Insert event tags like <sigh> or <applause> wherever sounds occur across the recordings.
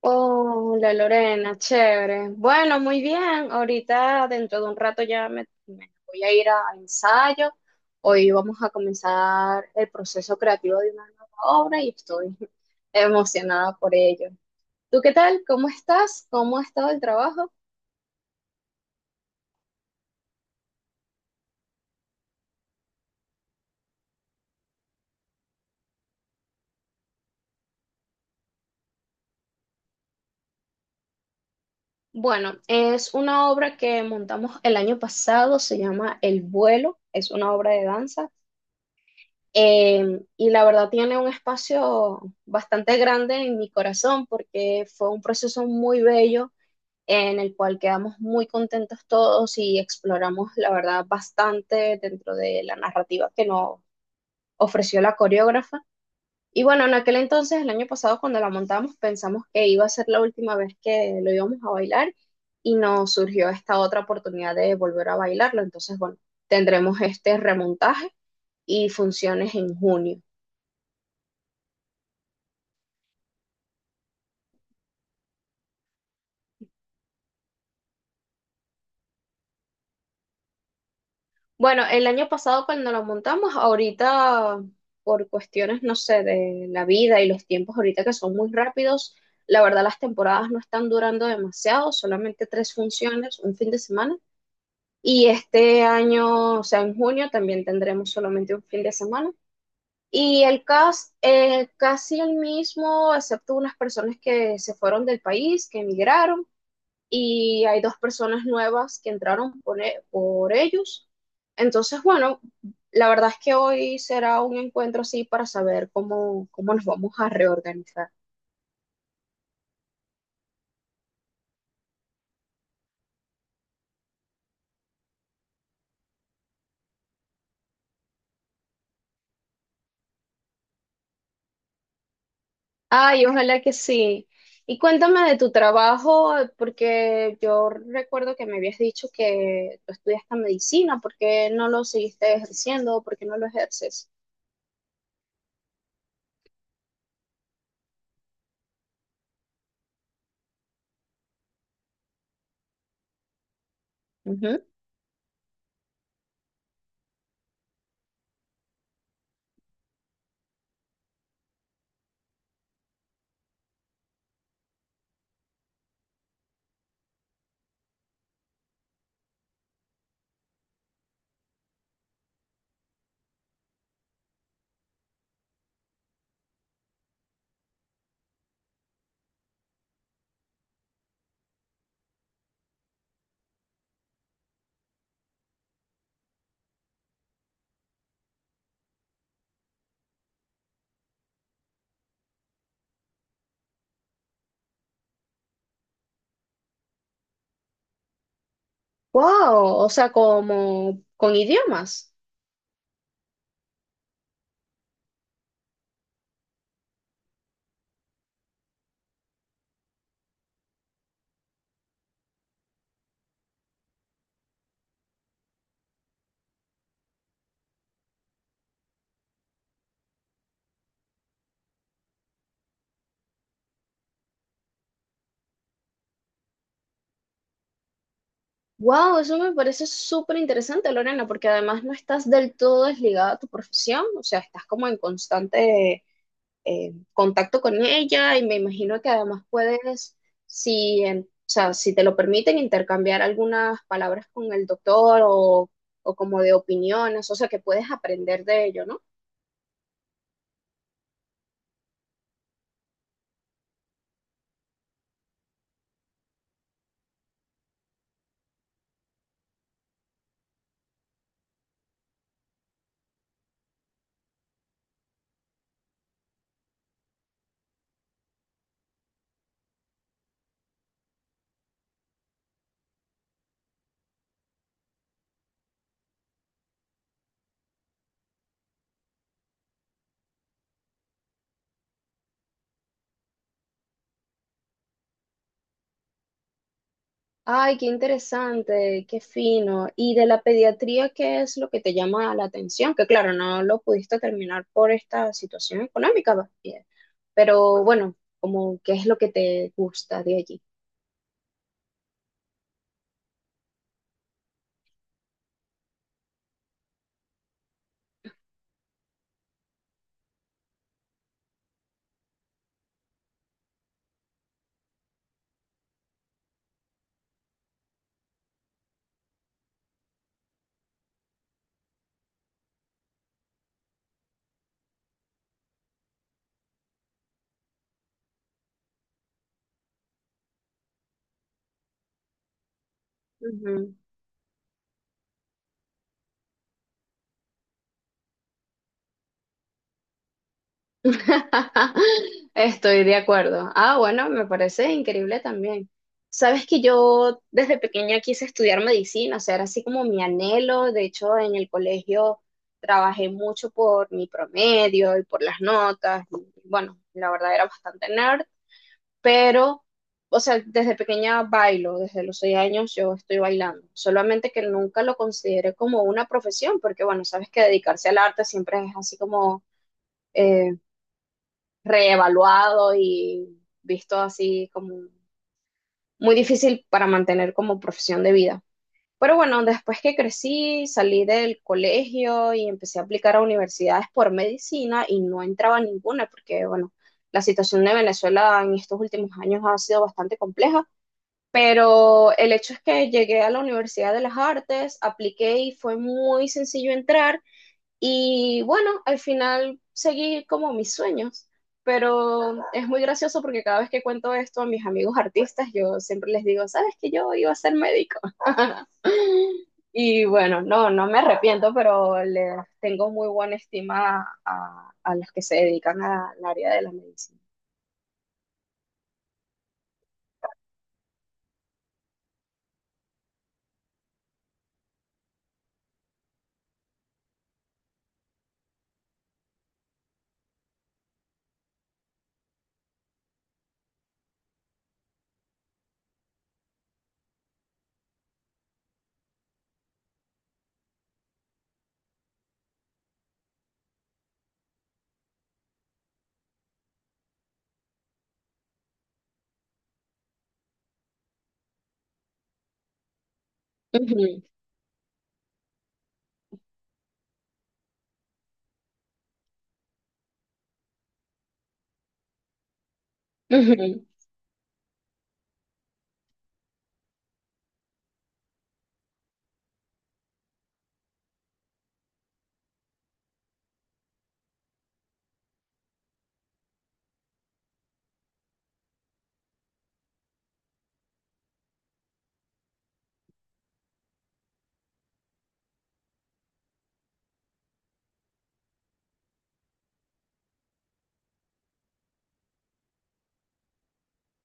Oh, la Lorena, chévere. Bueno, muy bien. Ahorita, dentro de un rato ya me voy a ir a al ensayo. Hoy vamos a comenzar el proceso creativo de una nueva obra y estoy <laughs> emocionada por ello. ¿Tú qué tal? ¿Cómo estás? ¿Cómo ha estado el trabajo? Bueno, es una obra que montamos el año pasado, se llama El vuelo, es una obra de danza. Y la verdad tiene un espacio bastante grande en mi corazón porque fue un proceso muy bello en el cual quedamos muy contentos todos y exploramos la verdad bastante dentro de la narrativa que nos ofreció la coreógrafa. Y bueno, en aquel entonces, el año pasado cuando la montamos, pensamos que iba a ser la última vez que lo íbamos a bailar y nos surgió esta otra oportunidad de volver a bailarlo. Entonces, bueno, tendremos este remontaje y funciones en junio. Bueno, el año pasado cuando lo montamos, ahorita por cuestiones, no sé, de la vida y los tiempos ahorita que son muy rápidos, la verdad las temporadas no están durando demasiado, solamente tres funciones, un fin de semana. Y este año, o sea, en junio también tendremos solamente un fin de semana. Y el cast, casi el mismo, excepto unas personas que se fueron del país, que emigraron y hay dos personas nuevas que entraron por ellos. Entonces, bueno, la verdad es que hoy será un encuentro así para saber cómo, cómo nos vamos a reorganizar. Ay, ojalá que sí. Y cuéntame de tu trabajo, porque yo recuerdo que me habías dicho que tú estudiaste medicina, ¿por qué no lo seguiste ejerciendo? ¿Por qué no lo ejerces? Ujú. Wow, o sea, como con idiomas. Wow, eso me parece súper interesante, Lorena, porque además no estás del todo desligada a tu profesión, o sea, estás como en constante contacto con ella y me imagino que además puedes, si, o sea, si te lo permiten, intercambiar algunas palabras con el doctor o como de opiniones, o sea, que puedes aprender de ello, ¿no? Ay, qué interesante, qué fino. ¿Y de la pediatría qué es lo que te llama la atención? Que claro, no lo pudiste terminar por esta situación económica, va, pero bueno, como qué es lo que te gusta de allí. Ujú. <laughs> Estoy de acuerdo. Ah, bueno, me parece increíble también. Sabes que yo desde pequeña quise estudiar medicina, o sea, era así como mi anhelo. De hecho, en el colegio trabajé mucho por mi promedio y por las notas. Y, bueno, la verdad era bastante nerd. Pero, o sea, desde pequeña bailo, desde los 6 años yo estoy bailando, solamente que nunca lo consideré como una profesión, porque bueno, sabes que dedicarse al arte siempre es así como eh, reevaluado y visto así como muy difícil para mantener como profesión de vida. Pero bueno, después que crecí, salí del colegio y empecé a aplicar a universidades por medicina y no entraba a ninguna porque, bueno, la situación de Venezuela en estos últimos años ha sido bastante compleja pero el hecho es que llegué a la Universidad de las Artes, apliqué y fue muy sencillo entrar y bueno, al final seguí como mis sueños. Pero es muy gracioso porque cada vez que cuento esto a mis amigos artistas, yo siempre les digo, ¿sabes que yo iba a ser médico? <laughs> Y bueno, no, no me arrepiento, pero les tengo muy buena estima a los que se dedican al área de la medicina. Ujú,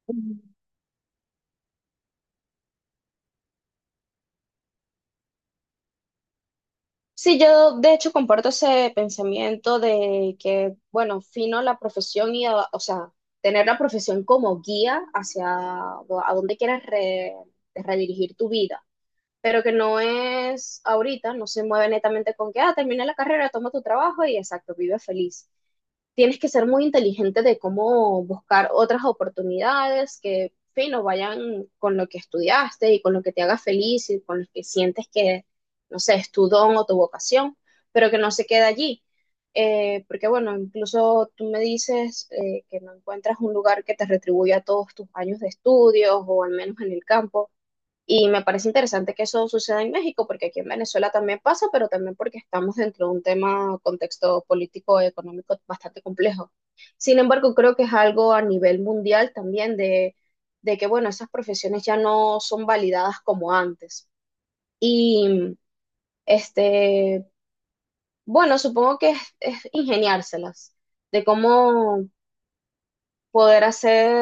ujú. Sí, yo de hecho comparto ese pensamiento de que, bueno, fino la profesión y, o sea, tener la profesión como guía hacia a dónde quieres redirigir tu vida, pero que no es ahorita, no se mueve netamente con que, ah, termina la carrera, toma tu trabajo y exacto, vive feliz tienes que ser muy inteligente de cómo buscar otras oportunidades que, fino, vayan con lo que estudiaste y con lo que te haga feliz y con lo que sientes que, no sé, es tu don o tu vocación, pero que no se quede allí. Porque bueno, incluso tú me dices que no encuentras un lugar que te retribuya todos tus años de estudios o al menos en el campo y me parece interesante que eso suceda en México, porque aquí en Venezuela también pasa, pero también porque estamos dentro de un tema, contexto político y económico bastante complejo. Sin embargo, creo que es algo a nivel mundial también de que, bueno, esas profesiones ya no son validadas como antes. Y, este, bueno, supongo que es ingeniárselas de cómo poder hacer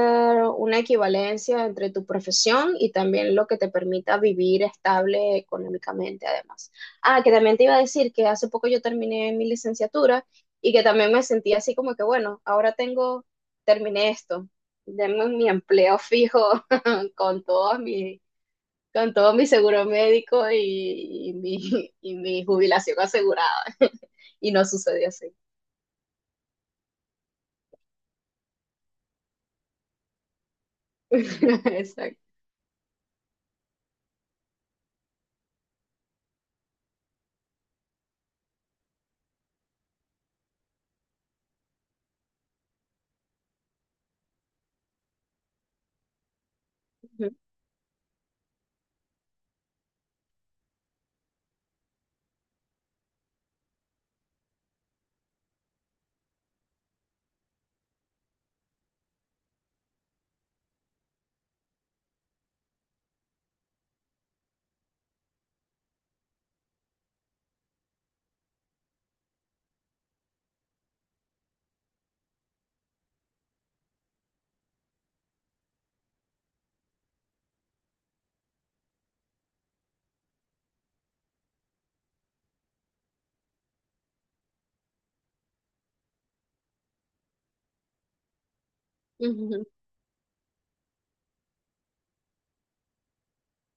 una equivalencia entre tu profesión y también lo que te permita vivir estable económicamente, además. Ah, que también te iba a decir que hace poco yo terminé mi licenciatura y que también me sentí así como que, bueno, ahora tengo, terminé esto, denme mi empleo fijo <laughs> con todo mi, con todo mi seguro médico y mi, <laughs> y mi jubilación asegurada. Y no sucedió así. <laughs> Exacto.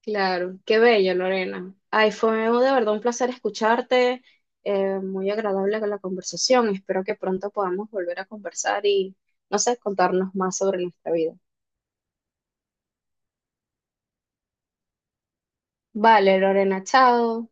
Claro, qué bello, Lorena. Ay, fue de verdad un placer escucharte, muy agradable con la conversación. Espero que pronto podamos volver a conversar y, no sé, contarnos más sobre nuestra vida. Vale, Lorena, chao.